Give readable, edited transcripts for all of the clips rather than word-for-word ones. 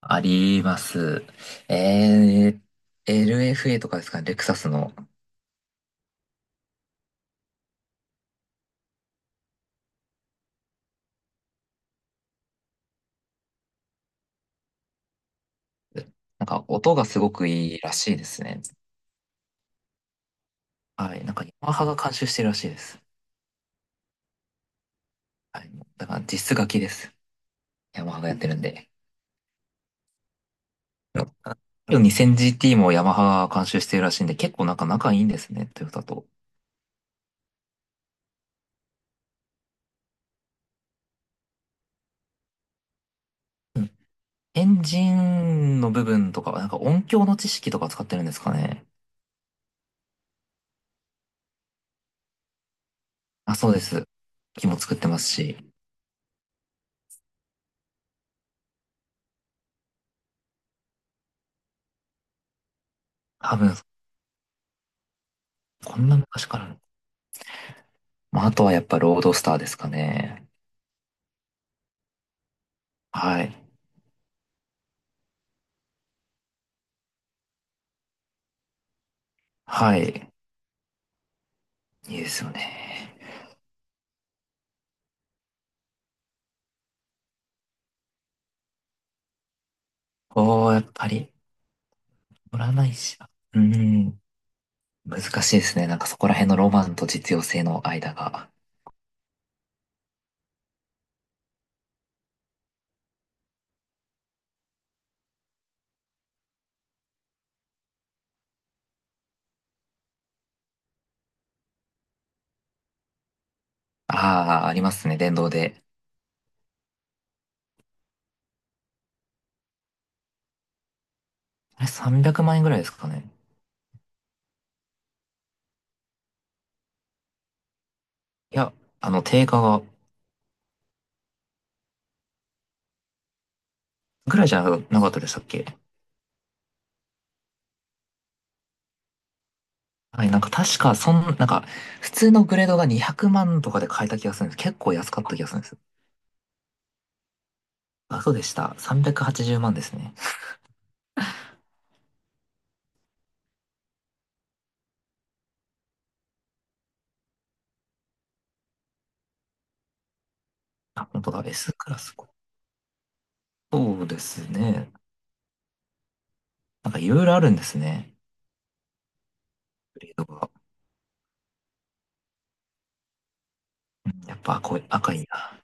あります。えLFA とかですかね、レクサスの。なんか音がすごくいいらしいですね。はい。なんかヤマハが監修してるらしいです。はい。だから実質楽です。ヤマハがやってるんで。2000GT もヤマハが監修してるらしいんで、結構なんか仲いいんですね、トヨタと。うんエンジンの部分とかは、なんか音響の知識とか使ってるんですかね。あ、そうです。機も作ってますし、多分、こんな昔から。まあ、あとはやっぱロードスターですかね。はい。はい。いいですよね。おー、やっぱり、乗らないしな。うーん。難しいですね。なんかそこら辺のロマンと実用性の間が。ああ、ありますね、電動で。あれ、300万円ぐらいですかね。いや、定価が、ぐらいじゃなかったでしたっけ？はい、なんか確か、なんか、普通のグレードが200万とかで買えた気がするんです。結構安かった気がするんです。あ、そうでした。380万ですね。あ、本当だ。S クラス。そうですね。なんかいろいろあるんですね。グレードが。やっぱこう赤いな。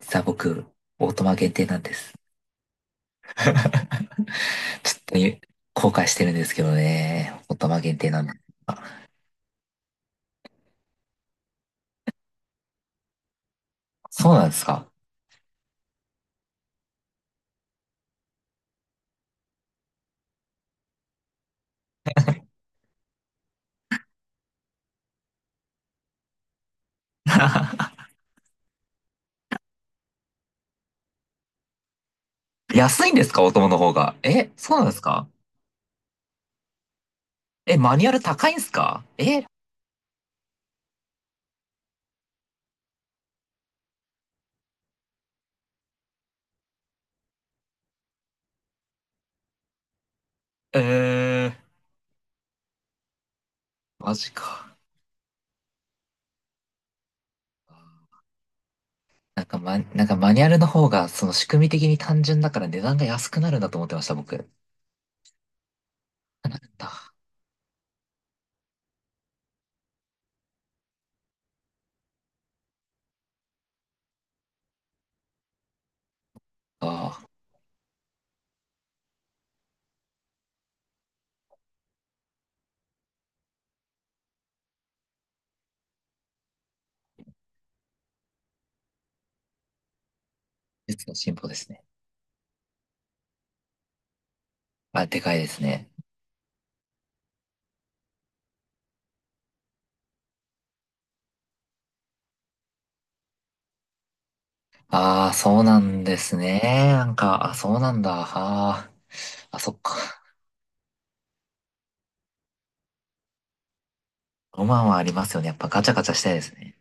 実は僕、オートマ限定なんです。ちょっと後悔してるんですけどね。オートマ限定なんで。あ、そうなんですか？ 安いんですかオートマの方が？え、そうなんですか？え、マニュアル高いんですか？え、えー、マジか。なんかマニュアルの方が、その仕組み的に単純だから値段が安くなるんだと思ってました、僕。なるんだ。ああ、技術の進歩ですね。あ、でかいですね。ああ、そうなんですね。なんか、あ、そうなんだ。ああ、あ、そっか。ロマンはありますよね。やっぱガチャガチャしたいですね。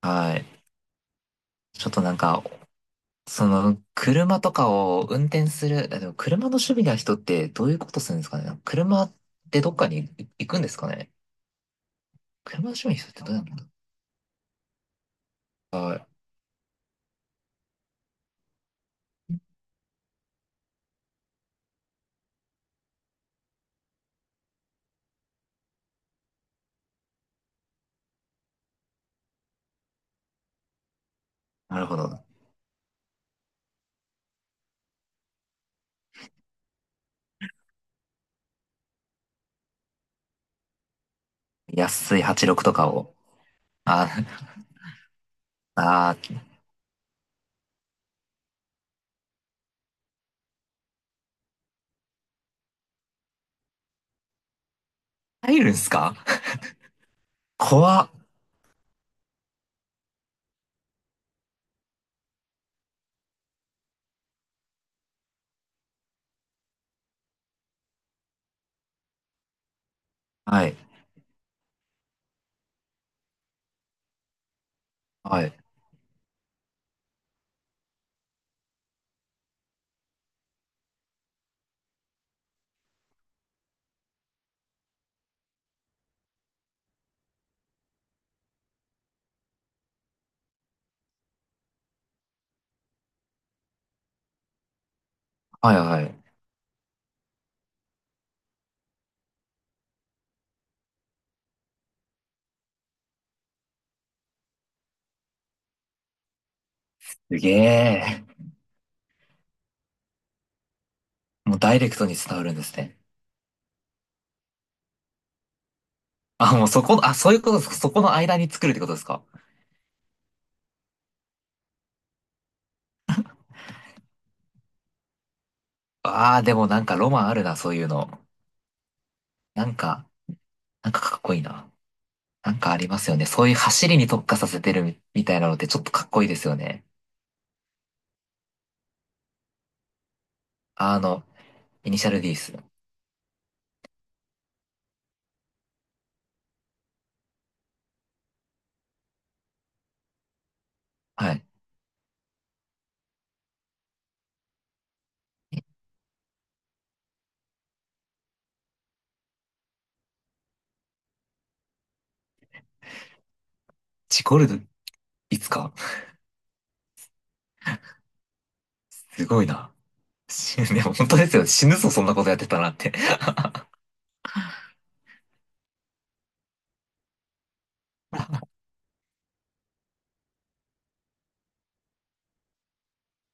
はい。ちょっとなんか、その、車とかを運転する、あでも車の趣味な人ってどういうことするんですかね。車ってどっかに行くんですかね。車の趣味の人ってどうなんだろう。なるほど。安い86とかを。あー、あー、入るんすか？怖っ。はい。はい。はい、はい。すげえ。もうダイレクトに伝わるんですね。あ、もうそこ、あ、そういうことそこの間に作るってことですか？ああー、でもなんかロマンあるな、そういうの。なんか、なんかかっこいいな。なんかありますよね。そういう走りに特化させてるみたいなのってちょっとかっこいいですよね。あの、イニシャル D です。はい。ジコルド、いつか。すごいな。死ぬ、ね、本当ですよ。死ぬぞ、そんなことやってたなって。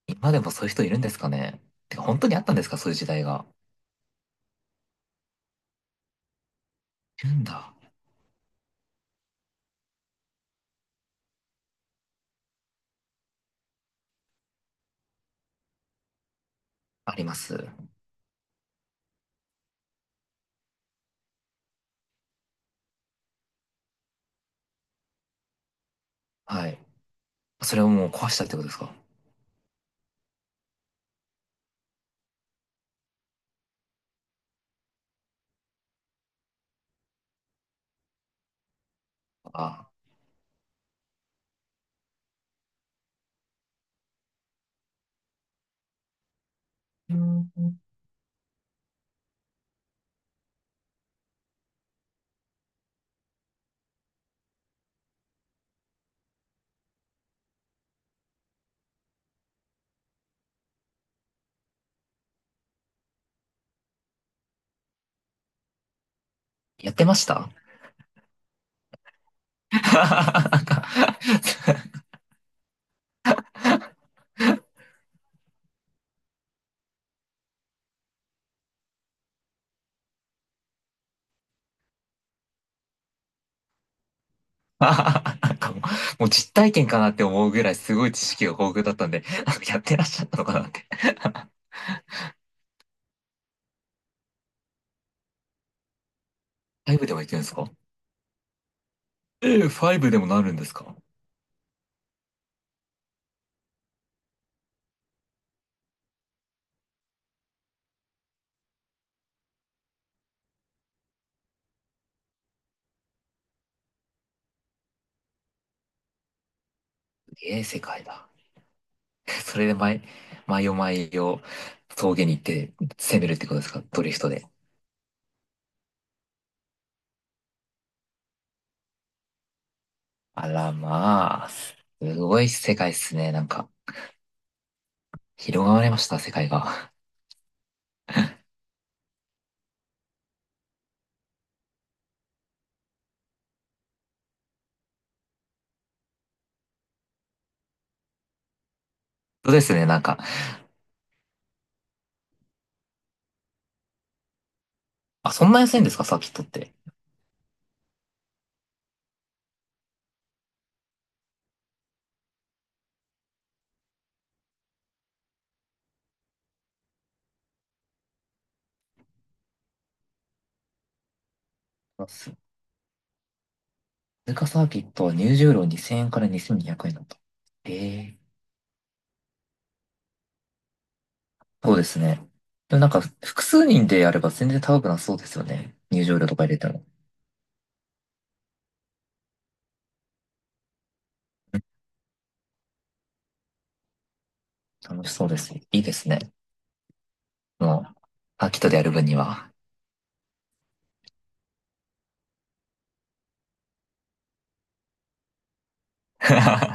今でもそういう人いるんですかね。てか、本当にあったんですか、そういう時代が？いるんだ。あります。はい。それをもう壊したってことですか？あ、うん、やってました。 なんか、あなんかもう、実体験かなって思うぐらいすごい知識が豊富だったんで、なんかやってらっしゃったのかなって。ファイブでも行けるんですか？ええ、ファイブでもなるんですか？ええ、世界だ。それで毎夜毎夜、峠に行って攻めるってことですか？ドリフトで。あら、まあ、すごい世界ですね。なんか、広がりました、世界が。そうですね、なんか。あ、そんな安いんですかサーキットって？通貨サーキットは入場料2000円から2200円だった。ええ、そうですね。でもなんか、複数人でやれば全然高くなそうですよね。入場料とか入れても。楽しそうです。いいですね。もう、ーキットでやる分には。